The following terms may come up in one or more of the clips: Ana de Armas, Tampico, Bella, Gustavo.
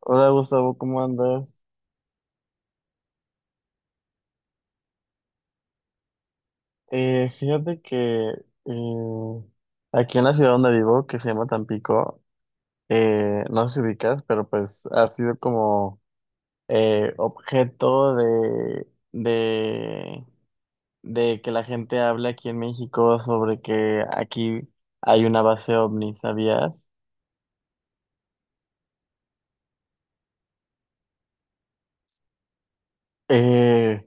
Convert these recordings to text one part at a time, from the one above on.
Hola Gustavo, ¿cómo andas? Fíjate que eh, aquí en la ciudad donde vivo, que se llama Tampico, no sé si ubicas, pero pues ha sido como objeto de, de que la gente hable aquí en México sobre que aquí hay una base ovni, ¿sabías? Eh,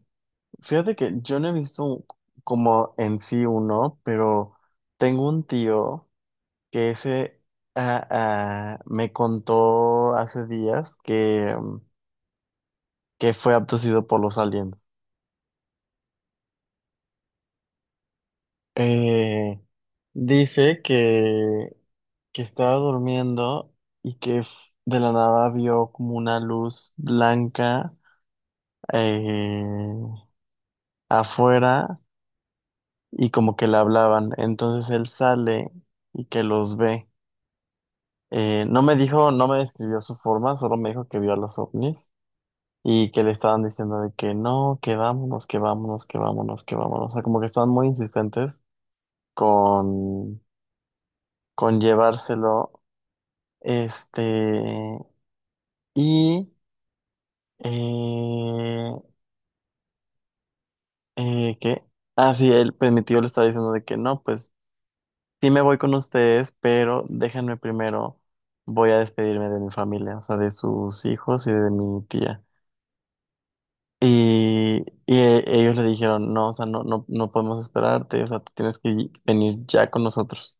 Fíjate que yo no he visto como en sí uno, pero tengo un tío que ese me contó hace días que, que fue abducido por los aliens. Eh, dice que estaba durmiendo y que de la nada vio como una luz blanca eh, afuera y como que le hablaban. Entonces él sale y que los ve. No me dijo, no me describió su forma, solo me dijo que vio a los ovnis y que le estaban diciendo de que no, que vámonos, que vámonos, que vámonos, que vámonos. O sea, como que estaban muy insistentes con, con llevárselo. Este, y, eh, ¿qué? Ah, sí, él, pues mi tío le estaba diciendo de que no, pues sí me voy con ustedes, pero déjenme primero, voy a despedirme de mi familia, o sea, de sus hijos y de mi tía. Y ellos le dijeron, no, o sea, no, no, no podemos esperarte, o sea, tú tienes que venir ya con nosotros.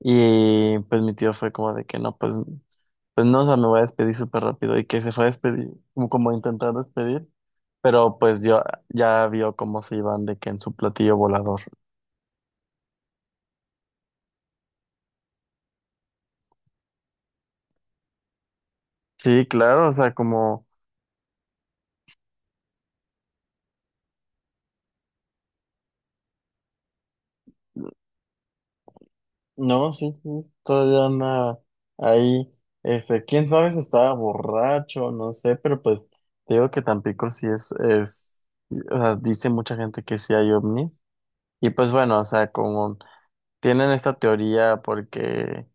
Y pues mi tío fue como de que no, pues, pues no, o sea, me voy a despedir súper rápido. Y que se fue a despedir, como, como a intentar despedir, pero pues yo ya vio cómo se iban de que en su platillo volador. Sí, claro, o sea, como... No, sí, sí, todavía anda ahí. Este, quién sabe si estaba borracho, no sé, pero pues te digo que Tampico sí es, o sea, dice mucha gente que sí hay ovnis. Y pues bueno, o sea, como tienen esta teoría porque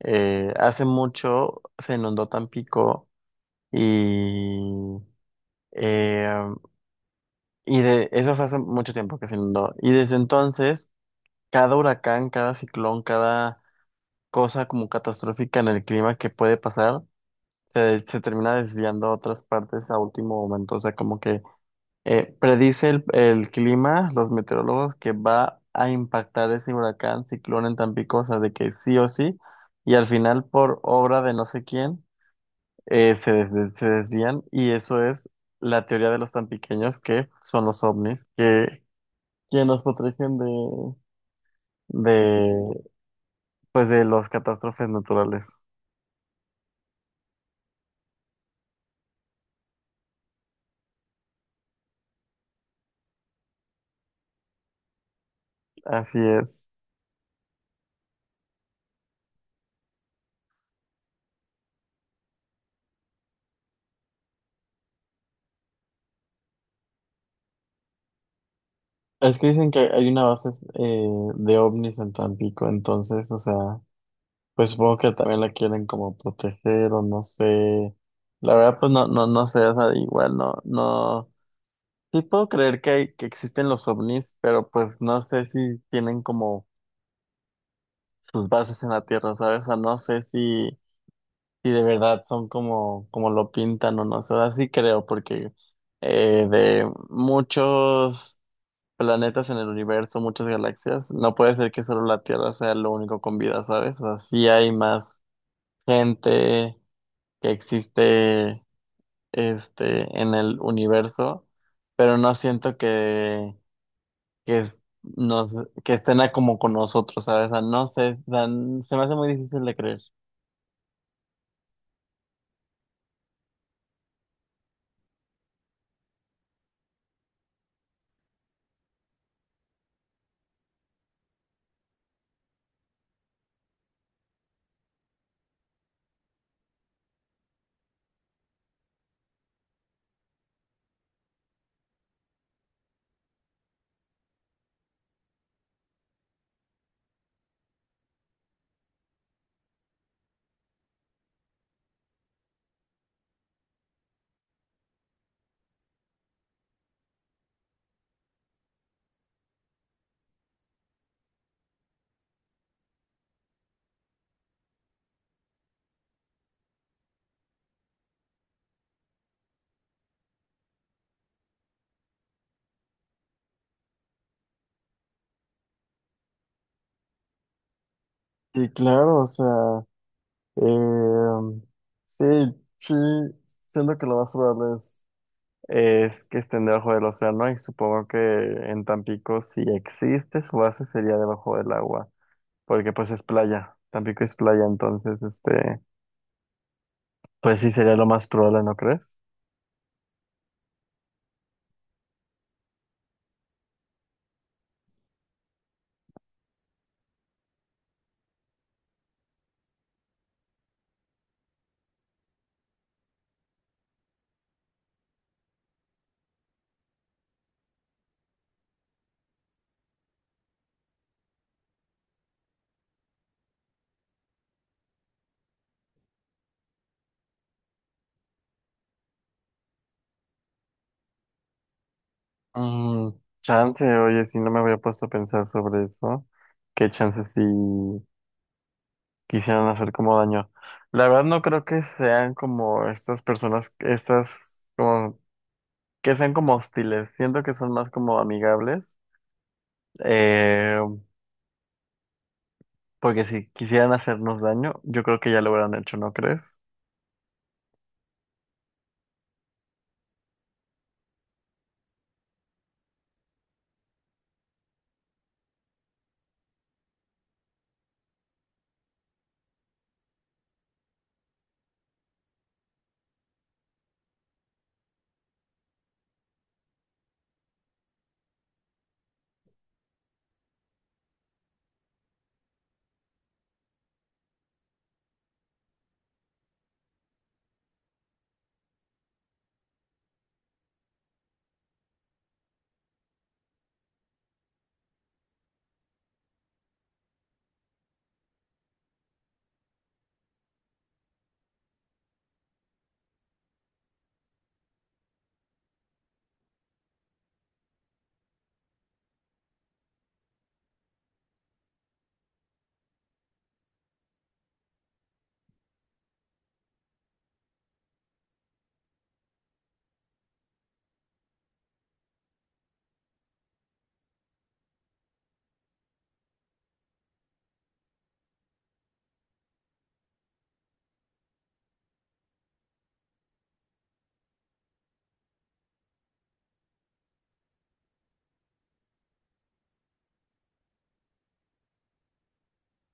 hace mucho se inundó Tampico y, eh, y de, eso fue hace mucho tiempo que se inundó. Y desde entonces, cada huracán, cada ciclón, cada cosa como catastrófica en el clima que puede pasar, se termina desviando a otras partes a último momento. O sea, como que predice el clima, los meteorólogos, que va a impactar ese huracán, ciclón en Tampico, o sea, de que sí o sí, y al final, por obra de no sé quién, se desvían, y eso es la teoría de los tampiqueños, que son los ovnis, que nos protegen de, pues, de las catástrofes naturales. Así es. Es que dicen que hay una base de ovnis en Tampico, entonces, o sea, pues supongo que también la quieren como proteger o no sé. La verdad, pues no, no, no sé, o sea, igual no, no. Sí puedo creer que existen los ovnis, pero pues no sé si tienen como sus bases en la Tierra, ¿sabes? O sea, no sé si, si de verdad son como, como lo pintan o no sé, o sea, sí creo, porque de muchos planetas en el universo, muchas galaxias. No puede ser que solo la Tierra sea lo único con vida, ¿sabes? O sea, sí hay más gente que existe este, en el universo, pero no siento que nos, que estén a como con nosotros, ¿sabes? O sea, no sé, o sea, se me hace muy difícil de creer. Y claro, o sea, eh, sí, sí, siento que lo más probable es. Es que estén debajo del océano y supongo que en Tampico si existe su base sería debajo del agua, porque pues es playa, Tampico es playa, entonces este, pues sí sería lo más probable, ¿no crees? Mm, chance, oye, si no me había puesto a pensar sobre eso, qué chance si quisieran hacer como daño. La verdad no creo que sean como estas personas, estas como que sean como hostiles, siento que son más como amigables. Eh, Porque si quisieran hacernos daño, yo creo que ya lo hubieran hecho, ¿no crees?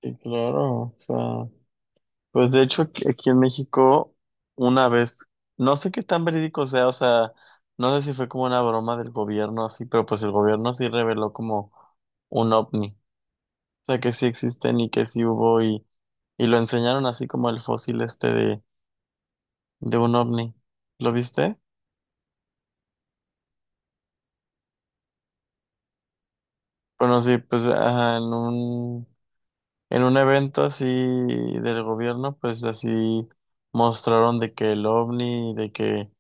Y claro, o sea, pues de hecho aquí en México una vez, no sé qué tan verídico sea, o sea, no sé si fue como una broma del gobierno así, pero pues el gobierno sí reveló como un ovni, o sea que sí existen y que sí hubo y lo enseñaron así como el fósil este de un ovni, ¿lo viste? Bueno, sí, pues ajá, en un evento así del gobierno, pues así mostraron de que el ovni, de que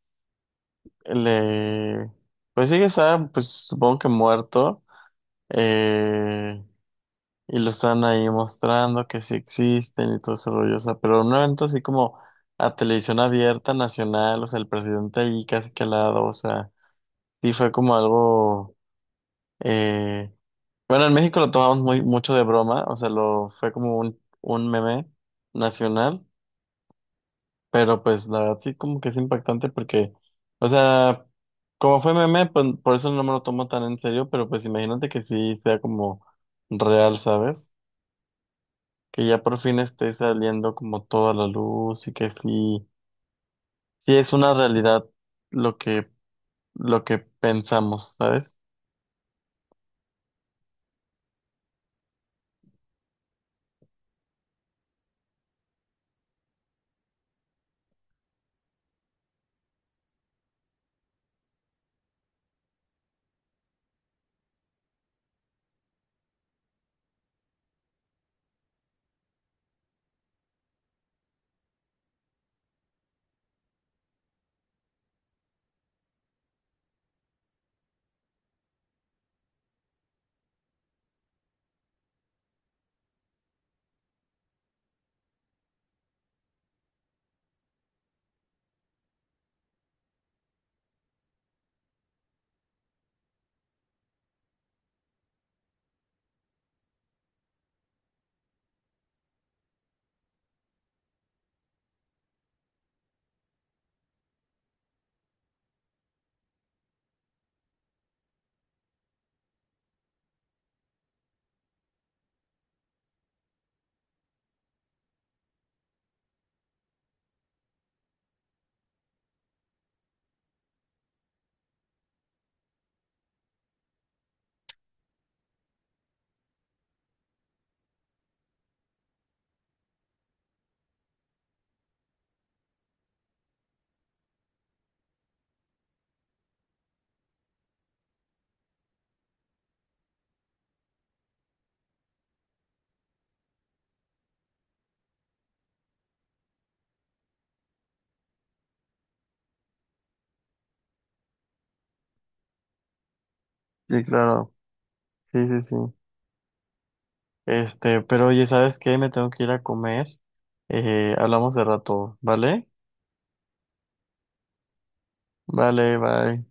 le, pues sí que está, pues supongo que muerto, eh, y lo están ahí mostrando que sí existen y todo ese rollo, o sea, pero en un evento así como a televisión abierta nacional, o sea, el presidente ahí casi que al lado, o sea, sí fue como algo, eh, bueno, en México lo tomamos muy, mucho de broma, o sea, lo, fue como un meme nacional. Pero pues la verdad sí como que es impactante porque, o sea, como fue meme, pues, por eso no me lo tomo tan en serio, pero pues imagínate que sí sea como real, ¿sabes? Que ya por fin esté saliendo como toda la luz y que sí, sí es una realidad lo que, lo que pensamos, ¿sabes? Sí, claro, sí, sí, sí. Este, pero oye, ¿sabes qué? Me tengo que ir a comer. Hablamos de rato, ¿vale? Vale, bye.